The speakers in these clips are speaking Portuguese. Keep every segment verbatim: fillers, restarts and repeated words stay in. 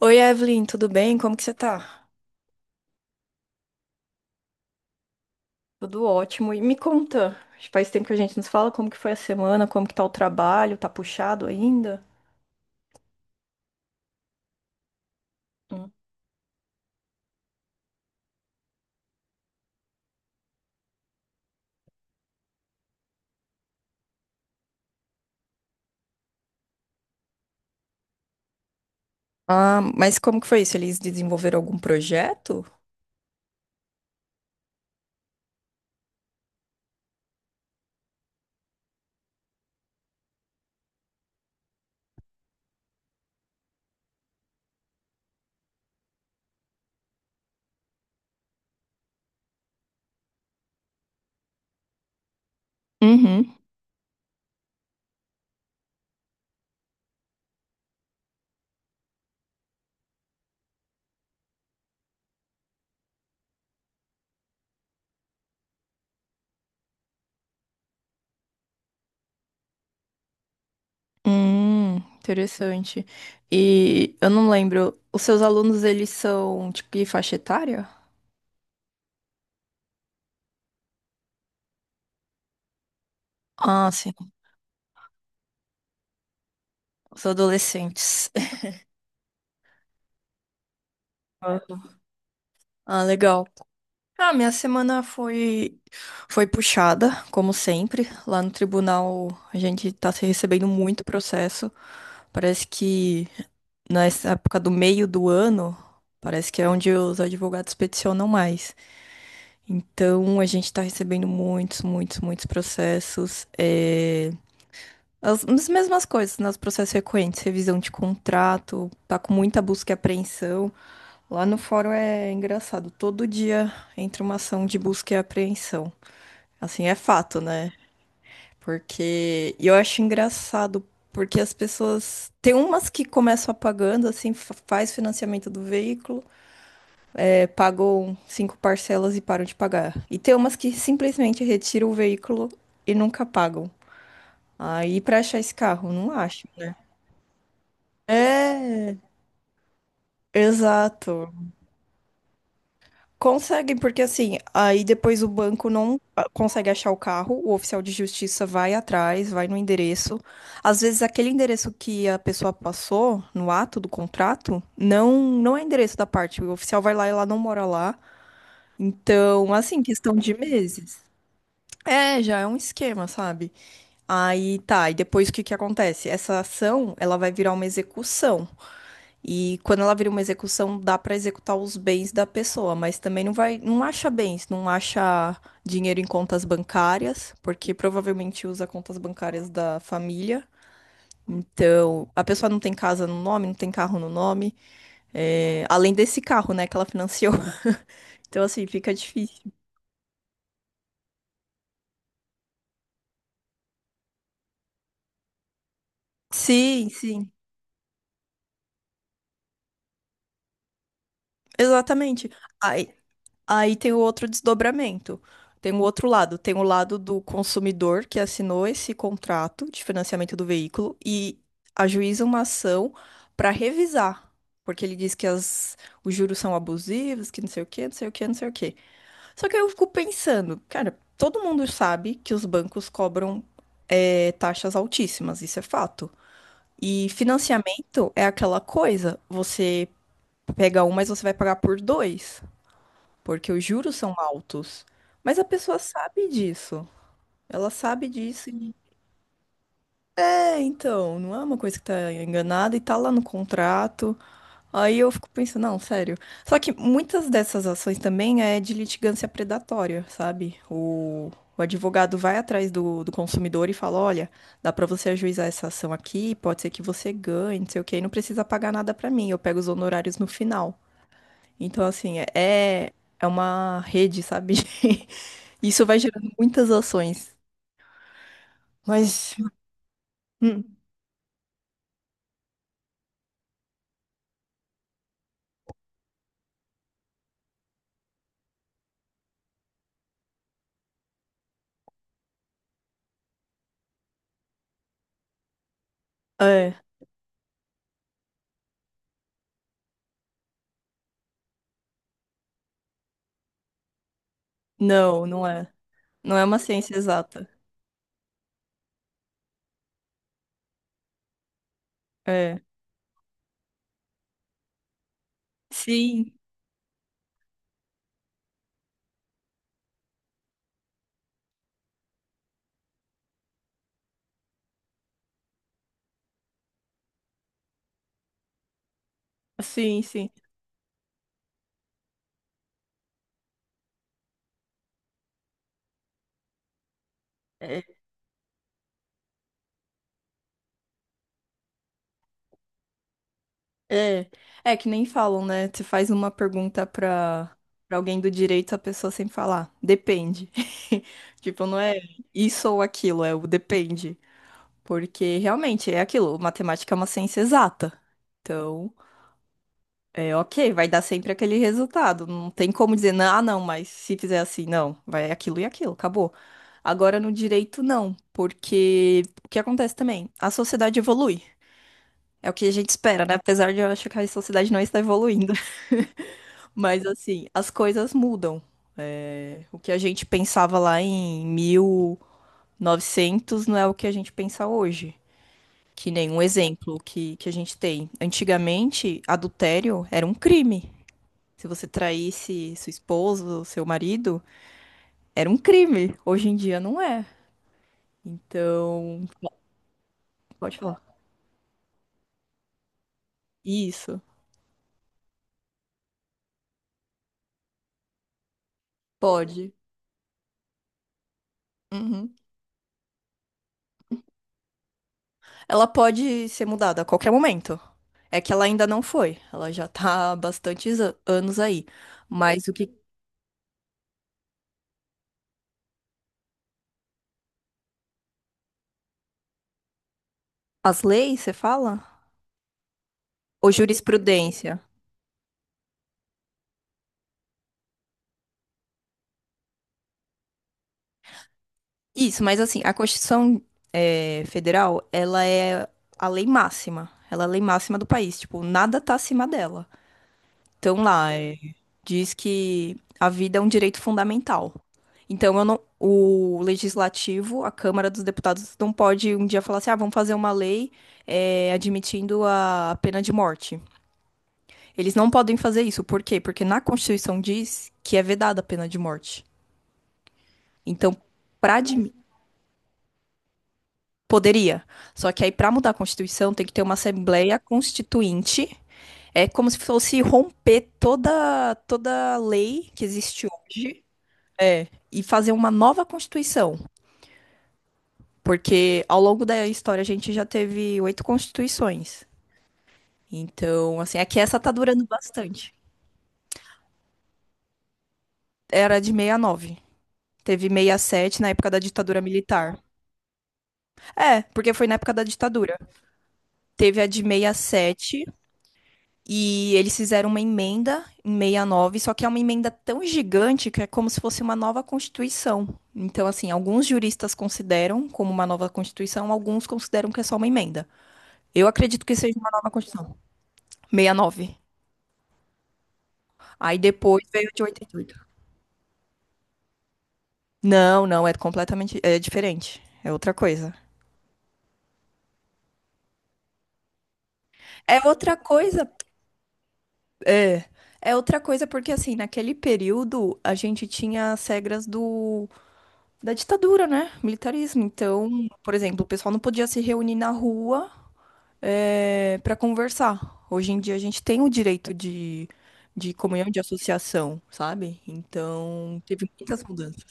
Oi, Evelyn, tudo bem? Como que você tá? Tudo ótimo. E me conta, acho que faz tempo que a gente nos fala, como que foi a semana, como que tá o trabalho, tá puxado ainda? Hum. Ah, mas como que foi isso? Eles desenvolveram algum projeto? Uhum. Hum, interessante. E eu não lembro, os seus alunos, eles são, tipo, que faixa etária? Ah, sim, os adolescentes. Ah, Ah, legal. Ah, minha semana foi foi puxada, como sempre. Lá no tribunal a gente tá se recebendo muito processo. Parece que nessa época do meio do ano, parece que é onde os advogados peticionam mais. Então a gente tá recebendo muitos, muitos, muitos processos. é, As, as mesmas coisas, nos processos frequentes, revisão de contrato, tá com muita busca e apreensão. Lá no fórum é engraçado, todo dia entra uma ação de busca e apreensão. Assim, é fato, né? Porque e eu acho engraçado, porque as pessoas. Tem umas que começam apagando, assim, fa- faz financiamento do veículo, é, pagam cinco parcelas e param de pagar. E tem umas que simplesmente retiram o veículo e nunca pagam. Aí, pra achar esse carro, não acho. É, exato. Conseguem, porque assim, aí depois o banco não ah, consegue achar o carro, o oficial de justiça vai atrás, vai no endereço. Às vezes aquele endereço que a pessoa passou no ato do contrato não não é endereço da parte, o oficial vai lá e ela não mora lá. Então, assim, questão de meses. É, já é um esquema, sabe? Aí tá, e depois o que que acontece? Essa ação, ela vai virar uma execução. E quando ela vira uma execução, dá pra executar os bens da pessoa, mas também não vai, não acha bens, não acha dinheiro em contas bancárias, porque provavelmente usa contas bancárias da família. Então, a pessoa não tem casa no nome, não tem carro no nome, é, além desse carro, né, que ela financiou. Então, assim, fica difícil. Sim, sim, exatamente. Aí tem o outro desdobramento. Tem o outro lado. Tem o lado do consumidor que assinou esse contrato de financiamento do veículo e ajuiza uma ação para revisar. Porque ele diz que as- os juros são abusivos, que não sei o quê, não sei o quê, não sei o quê. Só que eu fico pensando, cara, todo mundo sabe que os bancos cobram eh, taxas altíssimas, isso é fato. E financiamento é aquela coisa, você pega um, mas você vai pagar por dois, porque os juros são altos. Mas a pessoa sabe disso. Ela sabe disso. e- É, então, não é uma coisa que tá enganada e tá lá no contrato. Aí eu fico pensando, não, sério. Só que muitas dessas ações também é de litigância predatória, sabe? O, o advogado vai atrás do, do consumidor e fala, olha, dá pra você ajuizar essa ação aqui, pode ser que você ganhe, não sei o quê, e não precisa pagar nada pra mim, eu pego os honorários no final. Então, assim, é, é é uma rede, sabe? Isso vai gerando muitas ações. Mas, hum, é, não, não é. Não é uma ciência exata. É. Sim, sim, sim. É, é, é que nem falam, né? Você faz uma pergunta pra, pra alguém do direito, a pessoa sempre fala, "Ah, depende. Tipo, não é isso ou aquilo, é o depende. Porque realmente é aquilo, matemática é uma ciência exata. Então. É, ok, vai dar sempre aquele resultado. Não tem como dizer, não, ah, não, mas se fizer assim, não, vai aquilo e aquilo, acabou. Agora no direito, não, porque o que acontece também? A sociedade evolui. É o que a gente espera, né? Apesar de eu achar que a sociedade não está evoluindo. Mas assim, as coisas mudam. É, o que a gente pensava lá em mil e novecentos não é o que a gente pensa hoje. Que nem um exemplo que, que a gente tem. Antigamente, adultério era um crime. Se você traísse sua esposa ou seu marido, era um crime. Hoje em dia não é. Então, pode falar. Isso, pode. Uhum. Ela pode ser mudada a qualquer momento. É que ela ainda não foi. Ela já tá há bastantes a- anos aí. Mas o que. As leis, você fala? Ou jurisprudência? Isso, mas assim, a Constituição eh, Federal, ela é a lei máxima. Ela é a lei máxima do país. Tipo, nada tá acima dela. Então lá, é, diz que a vida é um direito fundamental. Então eu não, o legislativo, a Câmara dos Deputados, não pode um dia falar assim, ah, vamos fazer uma lei é, admitindo a pena de morte. Eles não podem fazer isso. Por quê? Porque na Constituição diz que é vedada a pena de morte. Então, para admitir. Poderia. Só que aí, para mudar a Constituição, tem que ter uma Assembleia Constituinte. É como se fosse romper toda toda lei que existe hoje. É, e fazer uma nova Constituição, porque ao longo da história a gente já teve oito constituições. Então, assim, aqui essa tá durando bastante. Era de sessenta e nove. Teve mil novecentos e sessenta e sete na época da ditadura militar. É, porque foi na época da ditadura. Teve a de sessenta e sete e sete e eles fizeram uma emenda em sessenta e nove, só que é uma emenda tão gigante que é como se fosse uma nova constituição. Então, assim, alguns juristas consideram como uma nova constituição, alguns consideram que é só uma emenda. Eu acredito que seja uma nova Constituição. Sessenta e nove. Aí depois veio a de oitenta e oito. Não, não, é completamente é diferente. É outra coisa. É outra coisa. É. É outra coisa porque assim, naquele período a gente tinha as regras do da ditadura, né? Militarismo. Então, por exemplo, o pessoal não podia se reunir na rua é, para conversar. Hoje em dia a gente tem o direito de de comunhão de associação, sabe? Então, teve muitas mudanças.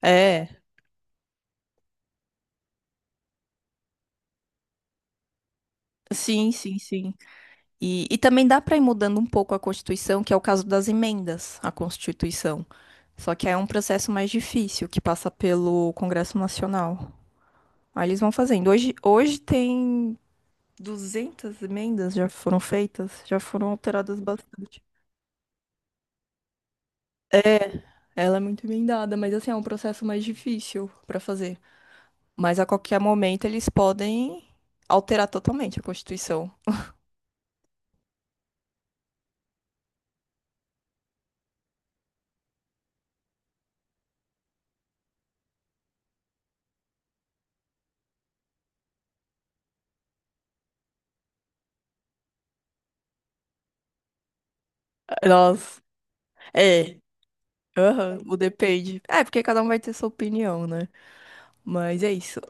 É, sim, sim, sim. E, e também dá para ir mudando um pouco a Constituição, que é o caso das emendas à Constituição. Só que aí é um processo mais difícil, que passa pelo Congresso Nacional. Aí eles vão fazendo. Hoje, hoje tem duzentas emendas, já foram feitas, já foram alteradas bastante. Ela é muito emendada, mas assim, é um processo mais difícil para fazer. Mas a qualquer momento eles podem alterar totalmente a Constituição. Nós. É. Aham, o depende. É, porque cada um vai ter sua opinião, né? Mas é isso.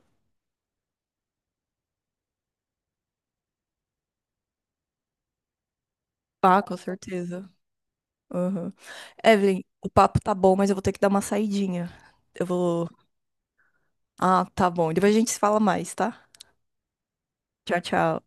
Ah, com certeza. Aham. Evelyn, o papo tá bom, mas eu vou ter que dar uma saidinha. Eu vou. Ah, tá bom. Depois a gente se fala mais, tá? Tchau, tchau.